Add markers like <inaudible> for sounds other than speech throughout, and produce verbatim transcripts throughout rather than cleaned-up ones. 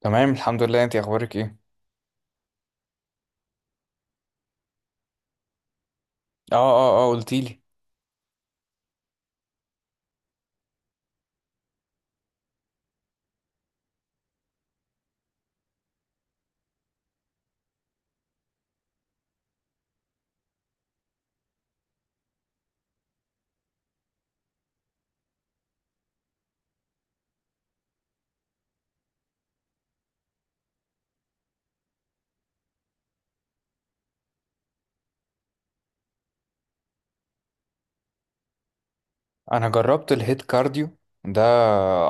تمام الحمد لله، انت اخبارك ايه؟ اه اه اه قلتيلي. انا جربت الهيت كارديو ده،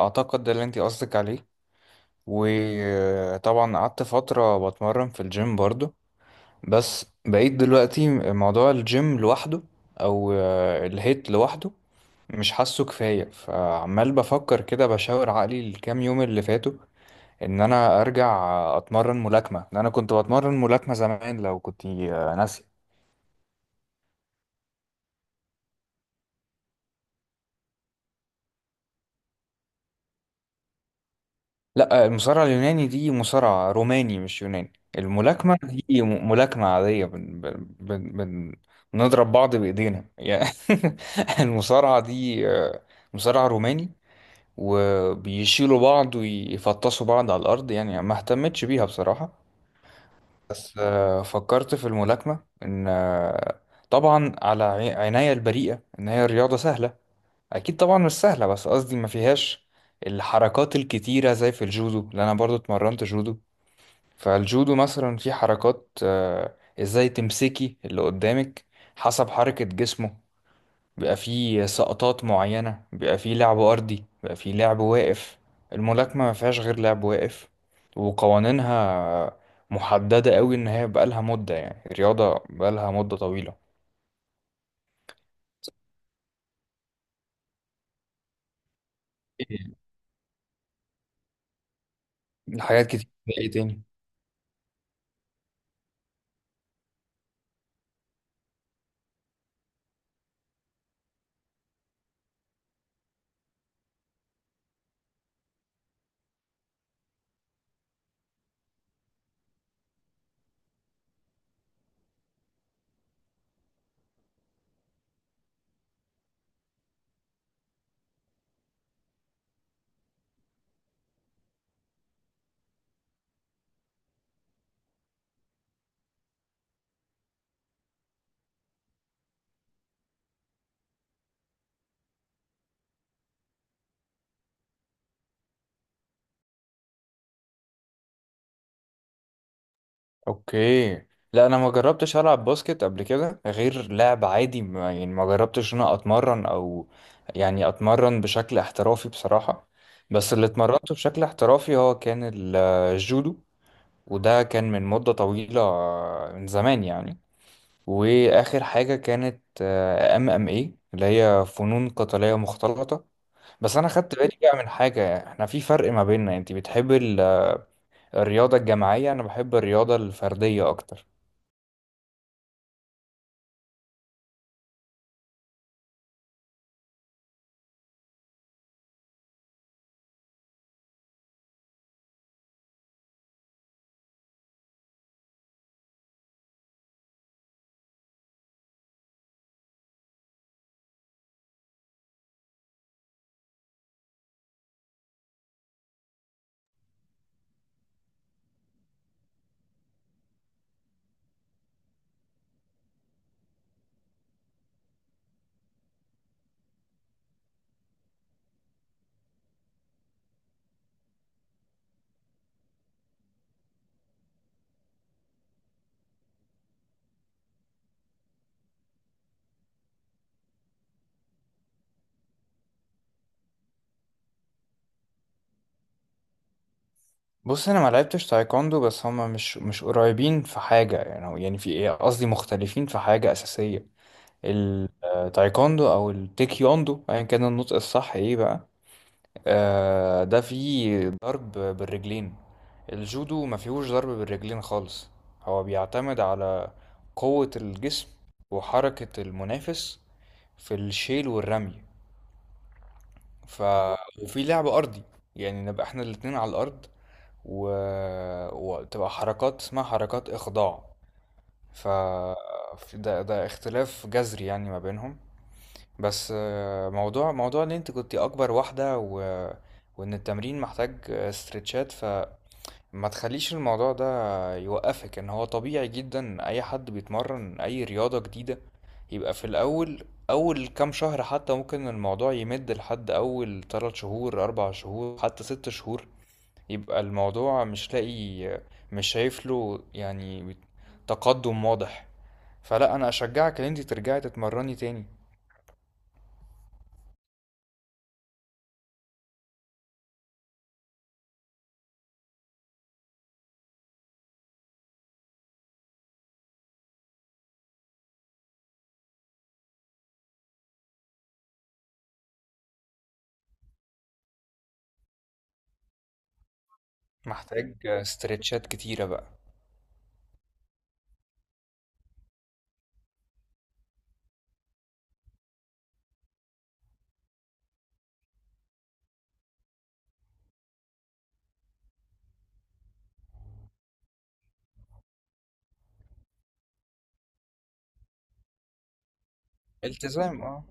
اعتقد ده اللي انت قصدك عليه. وطبعا قعدت فترة بتمرن في الجيم برضو، بس بقيت دلوقتي موضوع الجيم لوحده، او آه، الهيت لوحده، مش حاسه كفاية. فعمال بفكر كده، بشاور عقلي الكام يوم اللي فاتوا، ان انا ارجع اتمرن ملاكمة، لأن انا كنت بتمرن ملاكمة زمان، لو كنت آه، ناسي. لا، المصارعة اليوناني دي مصارعة روماني، مش يوناني. الملاكمة دي م- ملاكمة عادية. بن بن بن بن بنضرب بعض بإيدينا يعني. <laughs> المصارعة دي، آه، مصارعة روماني، وبيشيلوا بعض ويفطسوا بعض على الأرض، يعني ما اهتمتش بيها بصراحة. بس آه، فكرت في الملاكمة إن، آه، طبعا على عي- عناية البريئة، إن هي رياضة سهلة. اكيد طبعا مش سهله، بس قصدي ما فيهاش الحركات الكتيره زي في الجودو، لان انا برضو اتمرنت جودو. فالجودو مثلا في حركات، آه، ازاي تمسكي اللي قدامك حسب حركه جسمه. بيبقى فيه سقطات معينه، بيبقى فيه لعب ارضي، بيبقى فيه لعب واقف. الملاكمه ما فيهاش غير لعب واقف، وقوانينها محدده قوي، ان هي بقالها مده، يعني رياضه بقالها مده طويله. إيه، حاجات كتير. ايه تاني؟ اوكي. لا، انا ما جربتش العب باسكت قبل كده غير لعب عادي. ما يعني ما جربتش ان انا اتمرن، او يعني اتمرن بشكل احترافي بصراحة. بس اللي اتمرنته بشكل احترافي هو كان ال- آه، الجودو. وده كان من مدة طويلة، من زمان يعني. واخر حاجة كانت، آه، ام ام اي، اللي هي فنون قتالية مختلطة. بس انا خدت بالي بقى من حاجة، احنا في فرق ما بيننا، انت بتحب ال- آه، الرياضة الجماعية، انا بحب الرياضة الفردية اكتر. بص، انا ما لعبتش تايكوندو، بس هما مش مش قريبين في حاجه. يعني يعني في ايه، قصدي مختلفين في حاجه اساسيه. التايكوندو او التيكيوندو، ايا كان النطق الصح ايه بقى. آه، ده فيه ضرب بالرجلين. الجودو ما فيهوش ضرب بالرجلين خالص. هو بيعتمد على قوه الجسم وحركه المنافس في الشيل والرمي. ف وفي لعب ارضي، يعني نبقى احنا الاتنين على الارض، و... وتبقى حركات اسمها حركات إخضاع. ف في- ده ده اختلاف جذري يعني ما بينهم. بس آه، موضوع موضوع ان انت كنت اكبر واحدة، و... وان التمرين محتاج استرتشات. ما تخليش الموضوع ده يوقفك، ان هو طبيعي جدا اي حد بيتمرن اي رياضة جديدة يبقى في الاول، اول كام شهر، حتى ممكن الموضوع يمد لحد اول ثلاث شهور، اربعة شهور، حتى ست شهور يبقى الموضوع مش لاقي، مش شايف له يعني تقدم واضح. فلا، انا اشجعك ان انت ترجعي تتمرني تاني. محتاج استرتشات كتيرة بقى. التزام، اه.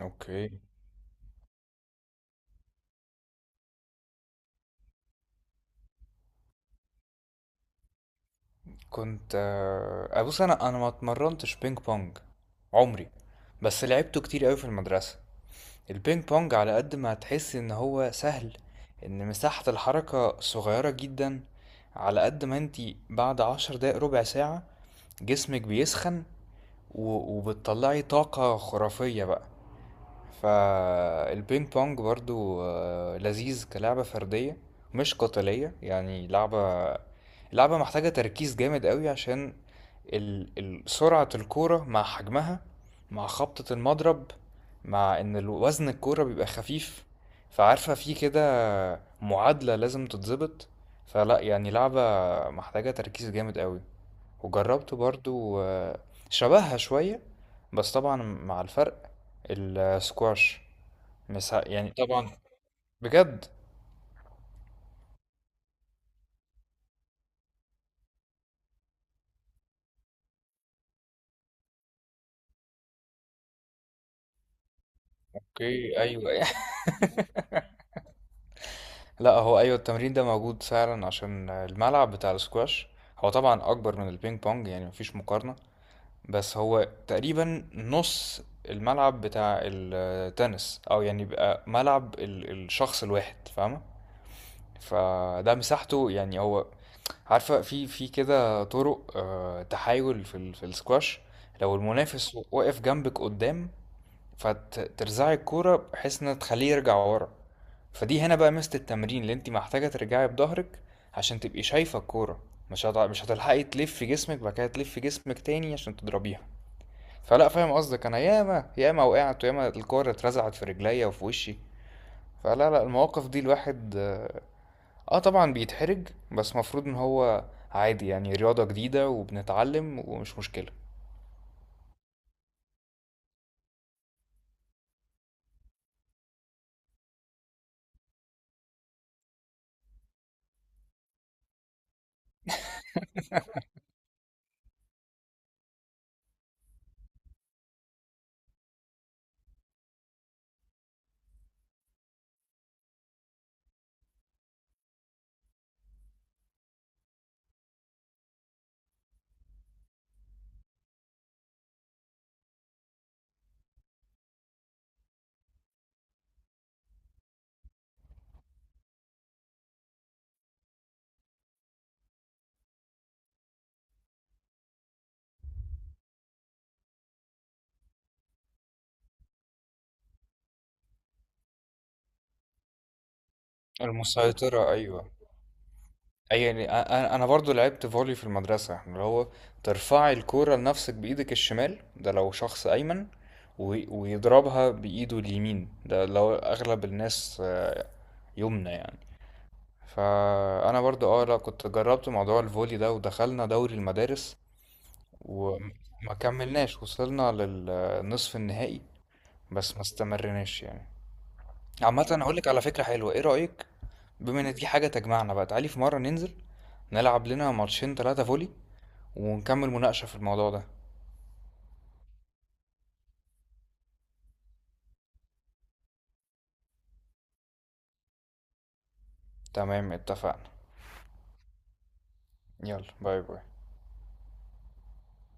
اوكي. كنت، آه، بص، انا انا ما اتمرنتش بينج بونج عمري، بس لعبته كتير قوي في المدرسه. البينج بونج، على قد ما هتحس ان هو سهل، ان مساحه الحركه صغيره جدا، على قد ما انتي بعد عشر دقايق، ربع ساعه، جسمك بيسخن، و- وبتطلعي طاقه خرافيه بقى. فالبينج بونج برضو، آه، لذيذ كلعبة فردية، مش قتالية، يعني لعبة، لعبة محتاجة تركيز جامد قوي، عشان ال... ال... سرعة الكورة مع حجمها، مع خبطة المضرب، مع ان ال- وزن الكورة بيبقى خفيف، فعارفة في كده معادلة لازم تتظبط. فلا، يعني لعبة محتاجة تركيز جامد قوي. وجربت برضو، آه، شبهها شوية، بس طبعا مع الفرق، السكواش. مس- يعني طبعا، بجد. اوكي، ايوه. <laughs> لا، هو ايوه، التمرين ده موجود فعلا. عشان الملعب بتاع السكواش هو طبعا اكبر من البينج بونج، يعني مفيش مقارنة. بس هو تقريبا نص الملعب بتاع التنس، او يعني بقى ملعب ال- الشخص الواحد، فاهمة. فده مساحته يعني. هو، عارفة، في في كده طرق، آه، تحايل في ال- في السكواش. لو المنافس واقف جنبك قدام، فترزعي الكورة بحيث انها تخليه يرجع ورا. فدي هنا بقى ميزة التمرين، اللي انت محتاجة ترجعي بظهرك عشان تبقي شايفة الكورة. مش هتع... مش هتلحقي تلفي جسمك بعد كده، تلفي جسمك تاني عشان تضربيها. فلا، فاهم قصدك. انا ياما ياما وقعت، وياما الكورة اترزعت في رجليا وفي وشي. فلا لا، المواقف دي الواحد آه، اه طبعا بيتحرج، بس مفروض ان هو عادي، يعني رياضة جديدة وبنتعلم ومش مشكلة. المسيطرة، ايوه. اي يعني، أ- أ- انا برضو لعبت فولي في المدرسة. احنا اللي هو ترفعي الكورة لنفسك بايدك الشمال، ده لو شخص ايمن، و- ويضربها بايده اليمين، ده لو اغلب الناس آه، يمنى يعني. فانا برضو اه، لا كنت جربت موضوع الفولي ده، ودخلنا دوري المدارس وما كملناش، وصلنا للنصف النهائي بس ما استمرناش يعني. عامة، اقول لك على فكرة حلوة، ايه رأيك، بما ان دي حاجة تجمعنا بقى، تعالي في مرة ننزل نلعب لنا ماتشين تلاتة فولي، ونكمل مناقشة في الموضوع ده. تمام، اتفقنا. يلا، باي باي.